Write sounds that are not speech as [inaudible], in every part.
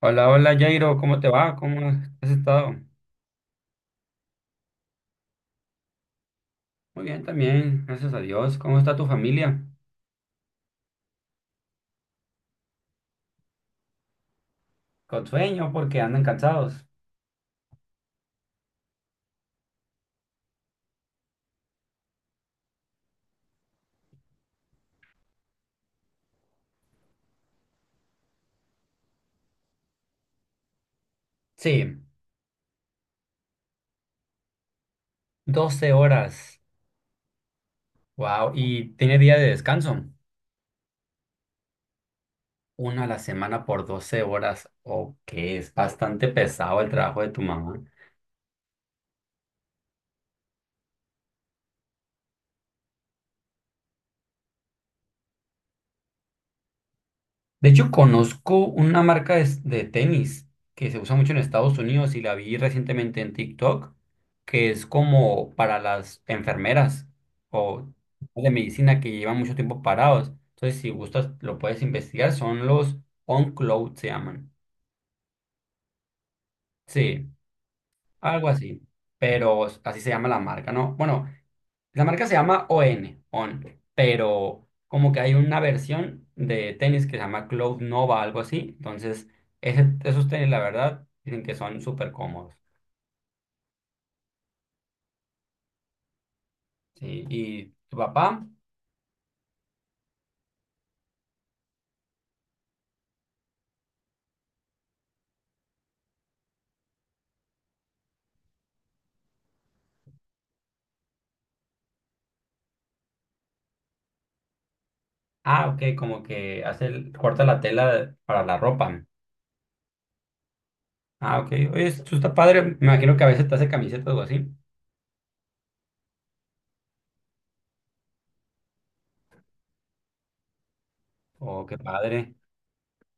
Hola, hola Jairo, ¿cómo te va? ¿Cómo has estado? Muy bien también, gracias a Dios. ¿Cómo está tu familia? Con sueño porque andan cansados. Sí, 12 horas. Wow, y tiene día de descanso. Una a la semana por 12 horas. Ok, es bastante pesado el trabajo de tu mamá. De hecho, conozco una marca de tenis que se usa mucho en Estados Unidos y la vi recientemente en TikTok, que es como para las enfermeras o de medicina que llevan mucho tiempo parados. Entonces, si gustas, lo puedes investigar. Son los On Cloud, se llaman. Sí, algo así. Pero así se llama la marca, ¿no? Bueno, la marca se llama ON, ON, pero como que hay una versión de tenis que se llama Cloud Nova, algo así. Entonces, esos tenis, la verdad, dicen que son súper cómodos. Sí, y tu papá, ah, ok, como que hace corta la tela para la ropa. Ah, ok. Oye, esto está padre. Me imagino que a veces te hace camisetas o algo así. Oh, qué padre.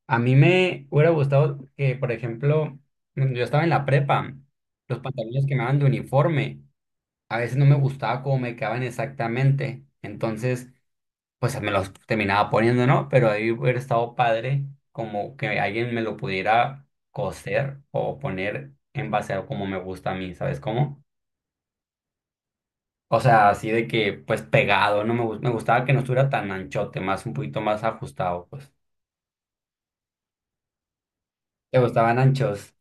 A mí me hubiera gustado que, por ejemplo, cuando yo estaba en la prepa, los pantalones que me daban de uniforme. A veces no me gustaba cómo me quedaban exactamente. Entonces, pues me los terminaba poniendo, ¿no? Pero ahí hubiera estado padre como que alguien me lo pudiera coser o poner en base a como me gusta a mí, ¿sabes cómo? O sea, así de que, pues pegado, no me, gus- me gustaba que no estuviera tan anchote, más un poquito más ajustado, pues. ¿Te gustaban anchos?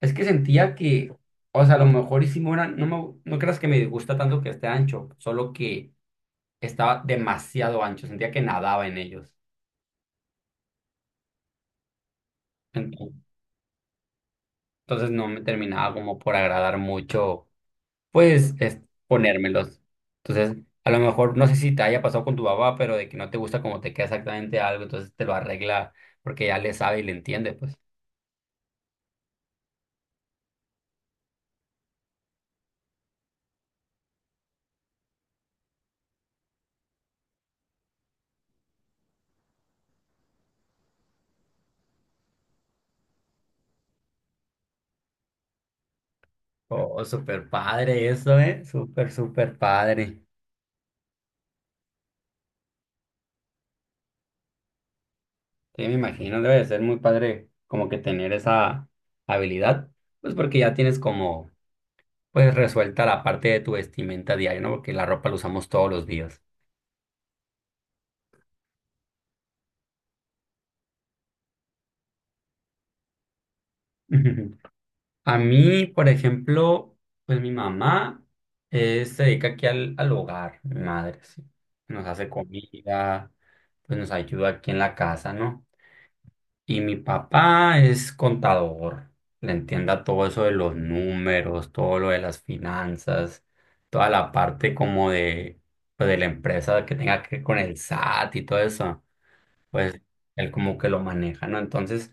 Es que sentía que, o sea, a lo mejor hicimos una, no creas que me gusta tanto que esté ancho, solo que estaba demasiado ancho, sentía que nadaba en ellos. Ento- Entonces no me terminaba como por agradar mucho, pues, es ponérmelos. Entonces, a lo mejor, no sé si te haya pasado con tu papá, pero de que no te gusta como te queda exactamente algo, entonces te lo arregla porque ya le sabe y le entiende, pues. Oh, súper padre eso, ¿eh? Súper, súper padre. Sí, me imagino, debe de ser muy padre como que tener esa habilidad, pues porque ya tienes como, pues, resuelta la parte de tu vestimenta diaria, ¿no? Porque la ropa la usamos todos los días. [laughs] A mí, por ejemplo, pues mi mamá se dedica aquí al hogar, mi madre, sí. Nos hace comida, pues nos ayuda aquí en la casa, ¿no? Y mi papá es contador, le entienda todo eso de los números, todo lo de las finanzas, toda la parte como de, pues, de la empresa que tenga que ver con el SAT y todo eso, pues él como que lo maneja, ¿no? Entonces...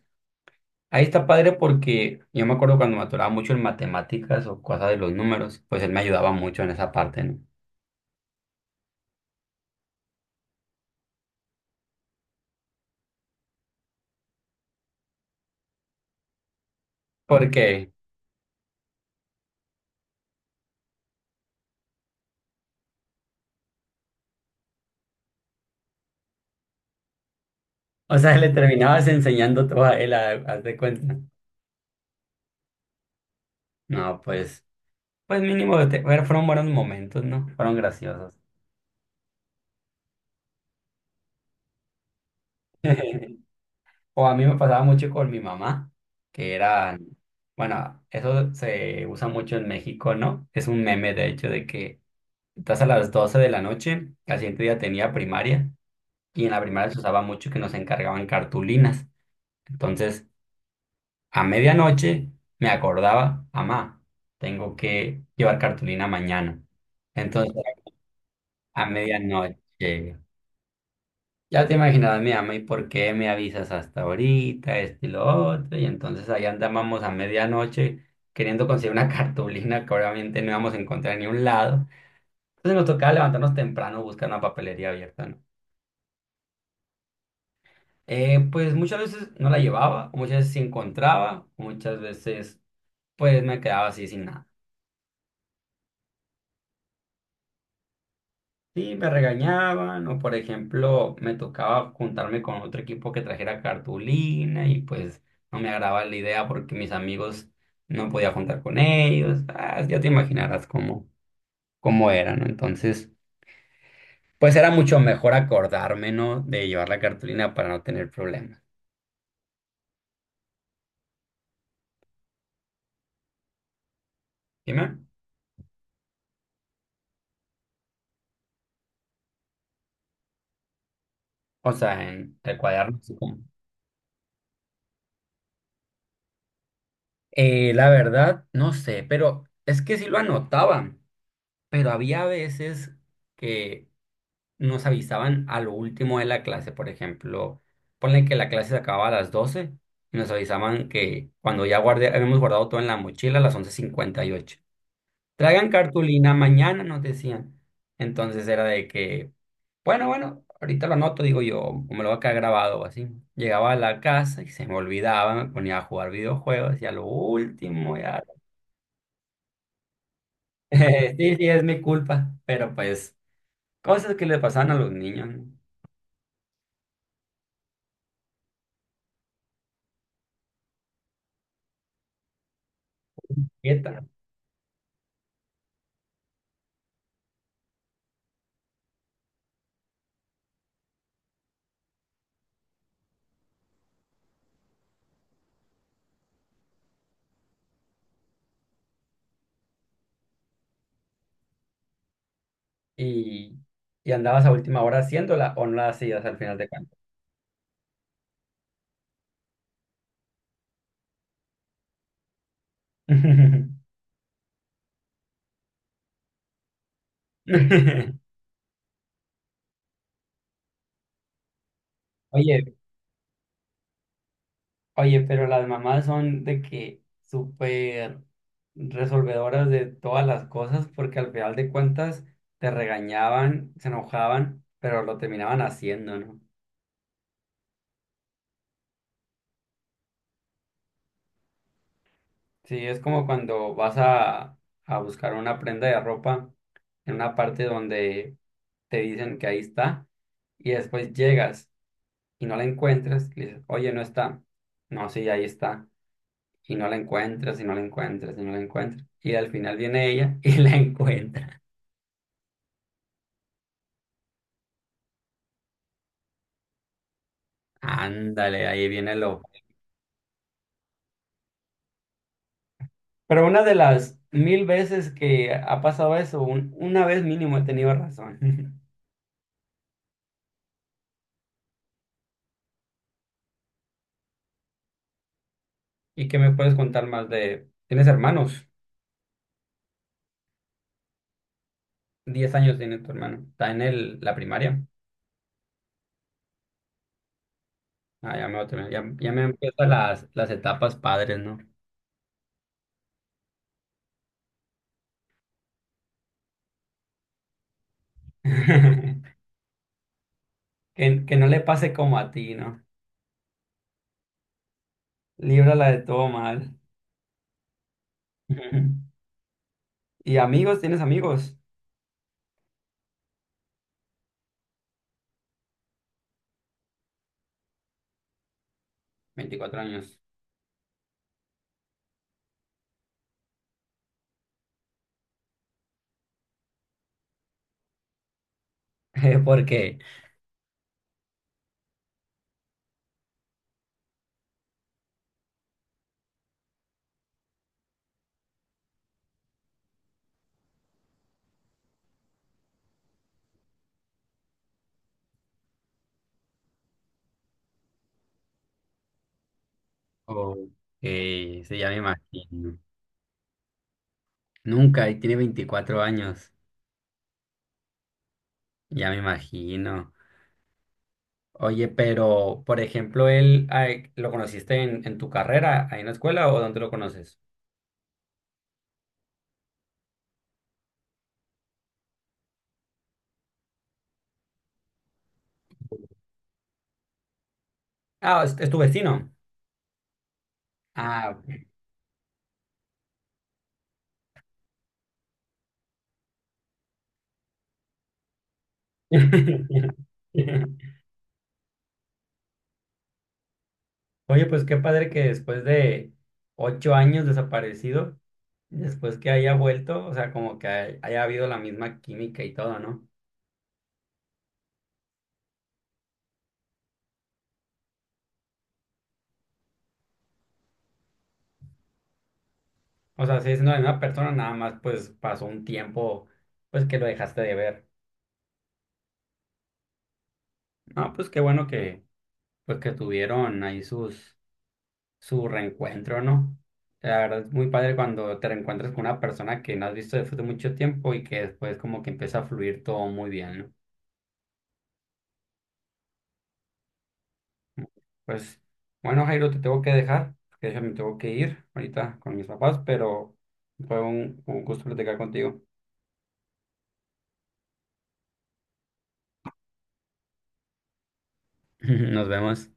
Ahí está padre porque yo me acuerdo cuando me atoraba mucho en matemáticas o cosas de los números, pues él me ayudaba mucho en esa parte, ¿no? Porque, o sea, le terminabas enseñando todo a él, haz de cuenta. No, pues mínimo, bueno, fueron buenos momentos, ¿no? Fueron graciosos. [laughs] O a mí me pasaba mucho con mi mamá, que era, bueno, eso se usa mucho en México, ¿no? Es un meme, de hecho, de que estás a las 12 de la noche, al siguiente día tenía primaria. Y en la primaria se usaba mucho que nos encargaban cartulinas. Entonces, a medianoche me acordaba, mamá, tengo que llevar cartulina mañana. Entonces, a medianoche, ya te imaginabas mi mamá, ¿y por qué me avisas hasta ahorita, esto y lo otro? Y entonces ahí andábamos a medianoche queriendo conseguir una [laughs] cartulina que obviamente no íbamos a encontrar en ningún lado. Entonces nos tocaba levantarnos temprano, buscar una papelería abierta, ¿no? Pues muchas veces no la llevaba, o muchas veces sí encontraba, o muchas veces pues me quedaba así sin nada. Sí, me regañaban o por ejemplo me tocaba juntarme con otro equipo que trajera cartulina y pues no me agradaba la idea porque mis amigos no podía juntar con ellos. Ah, ya te imaginarás cómo era, ¿no? Entonces, pues era mucho mejor acordarme, ¿no? De llevar la cartulina para no tener problemas. Dime. O sea, en el cuaderno, así como. La verdad, no sé, pero es que sí lo anotaban, pero había veces que nos avisaban a lo último de la clase, por ejemplo, ponle que la clase se acababa a las 12 y nos avisaban que cuando ya guardé, habíamos guardado todo en la mochila a las 11:58. Traigan cartulina mañana, nos decían. Entonces era de que, bueno, bueno, ahorita lo anoto, digo yo, o me lo va a quedar grabado o así. Llegaba a la casa y se me olvidaba, me ponía a jugar videojuegos y a lo último, ya [laughs] sí, sí, es mi culpa, pero pues cosas que le pasaban a los niños, ¿no? Quieta. Y, y andabas a última hora haciéndola o no la hacías al final de cuentas. [laughs] Oye, oye, pero las mamás son de que súper resolvedoras de todas las cosas porque al final de cuentas te regañaban, se enojaban, pero lo terminaban haciendo, ¿no? Sí, es como cuando vas a buscar una prenda de ropa en una parte donde te dicen que ahí está y después llegas y no la encuentras, y le dices, oye, no está. No, sí, ahí está. Y no la encuentras, y no la encuentras, y no la encuentras. Y al final viene ella y [laughs] la encuentra. Ándale, ahí viene lo. Pero una de las mil veces que ha pasado eso, una vez mínimo he tenido razón. [laughs] ¿Y qué me puedes contar más de? ¿Tienes hermanos? 10 años tiene tu hermano. Está en el, la primaria. Ah, ya me voy a terminar. Ya, ya me empiezan las etapas padres, ¿no? [laughs] Que no le pase como a ti, ¿no? Líbrala de todo mal. [laughs] ¿Y amigos? ¿Tienes amigos? 24 años. [laughs] ¿Por qué? Oh, sí, ya me imagino. Nunca, y tiene 24 años. Ya me imagino. Oye, pero, por ejemplo, él, ay, ¿lo conociste en tu carrera, ahí en la escuela, o dónde lo conoces? Ah, es tu vecino. Ah, ok. [laughs] Oye, pues qué padre que después de 8 años desaparecido, después que haya vuelto, o sea, como que haya habido la misma química y todo, ¿no? O sea, sigue siendo la misma persona, nada más pues pasó un tiempo, pues que lo dejaste de ver. No, pues qué bueno que, pues que tuvieron ahí sus, su reencuentro, ¿no? La verdad es muy padre cuando te reencuentras con una persona que no has visto después de mucho tiempo y que después como que empieza a fluir todo muy bien, ¿no? Pues bueno, Jairo, te tengo que dejar, porque yo me tengo que ir ahorita con mis papás, pero fue un gusto platicar contigo. [laughs] Nos vemos.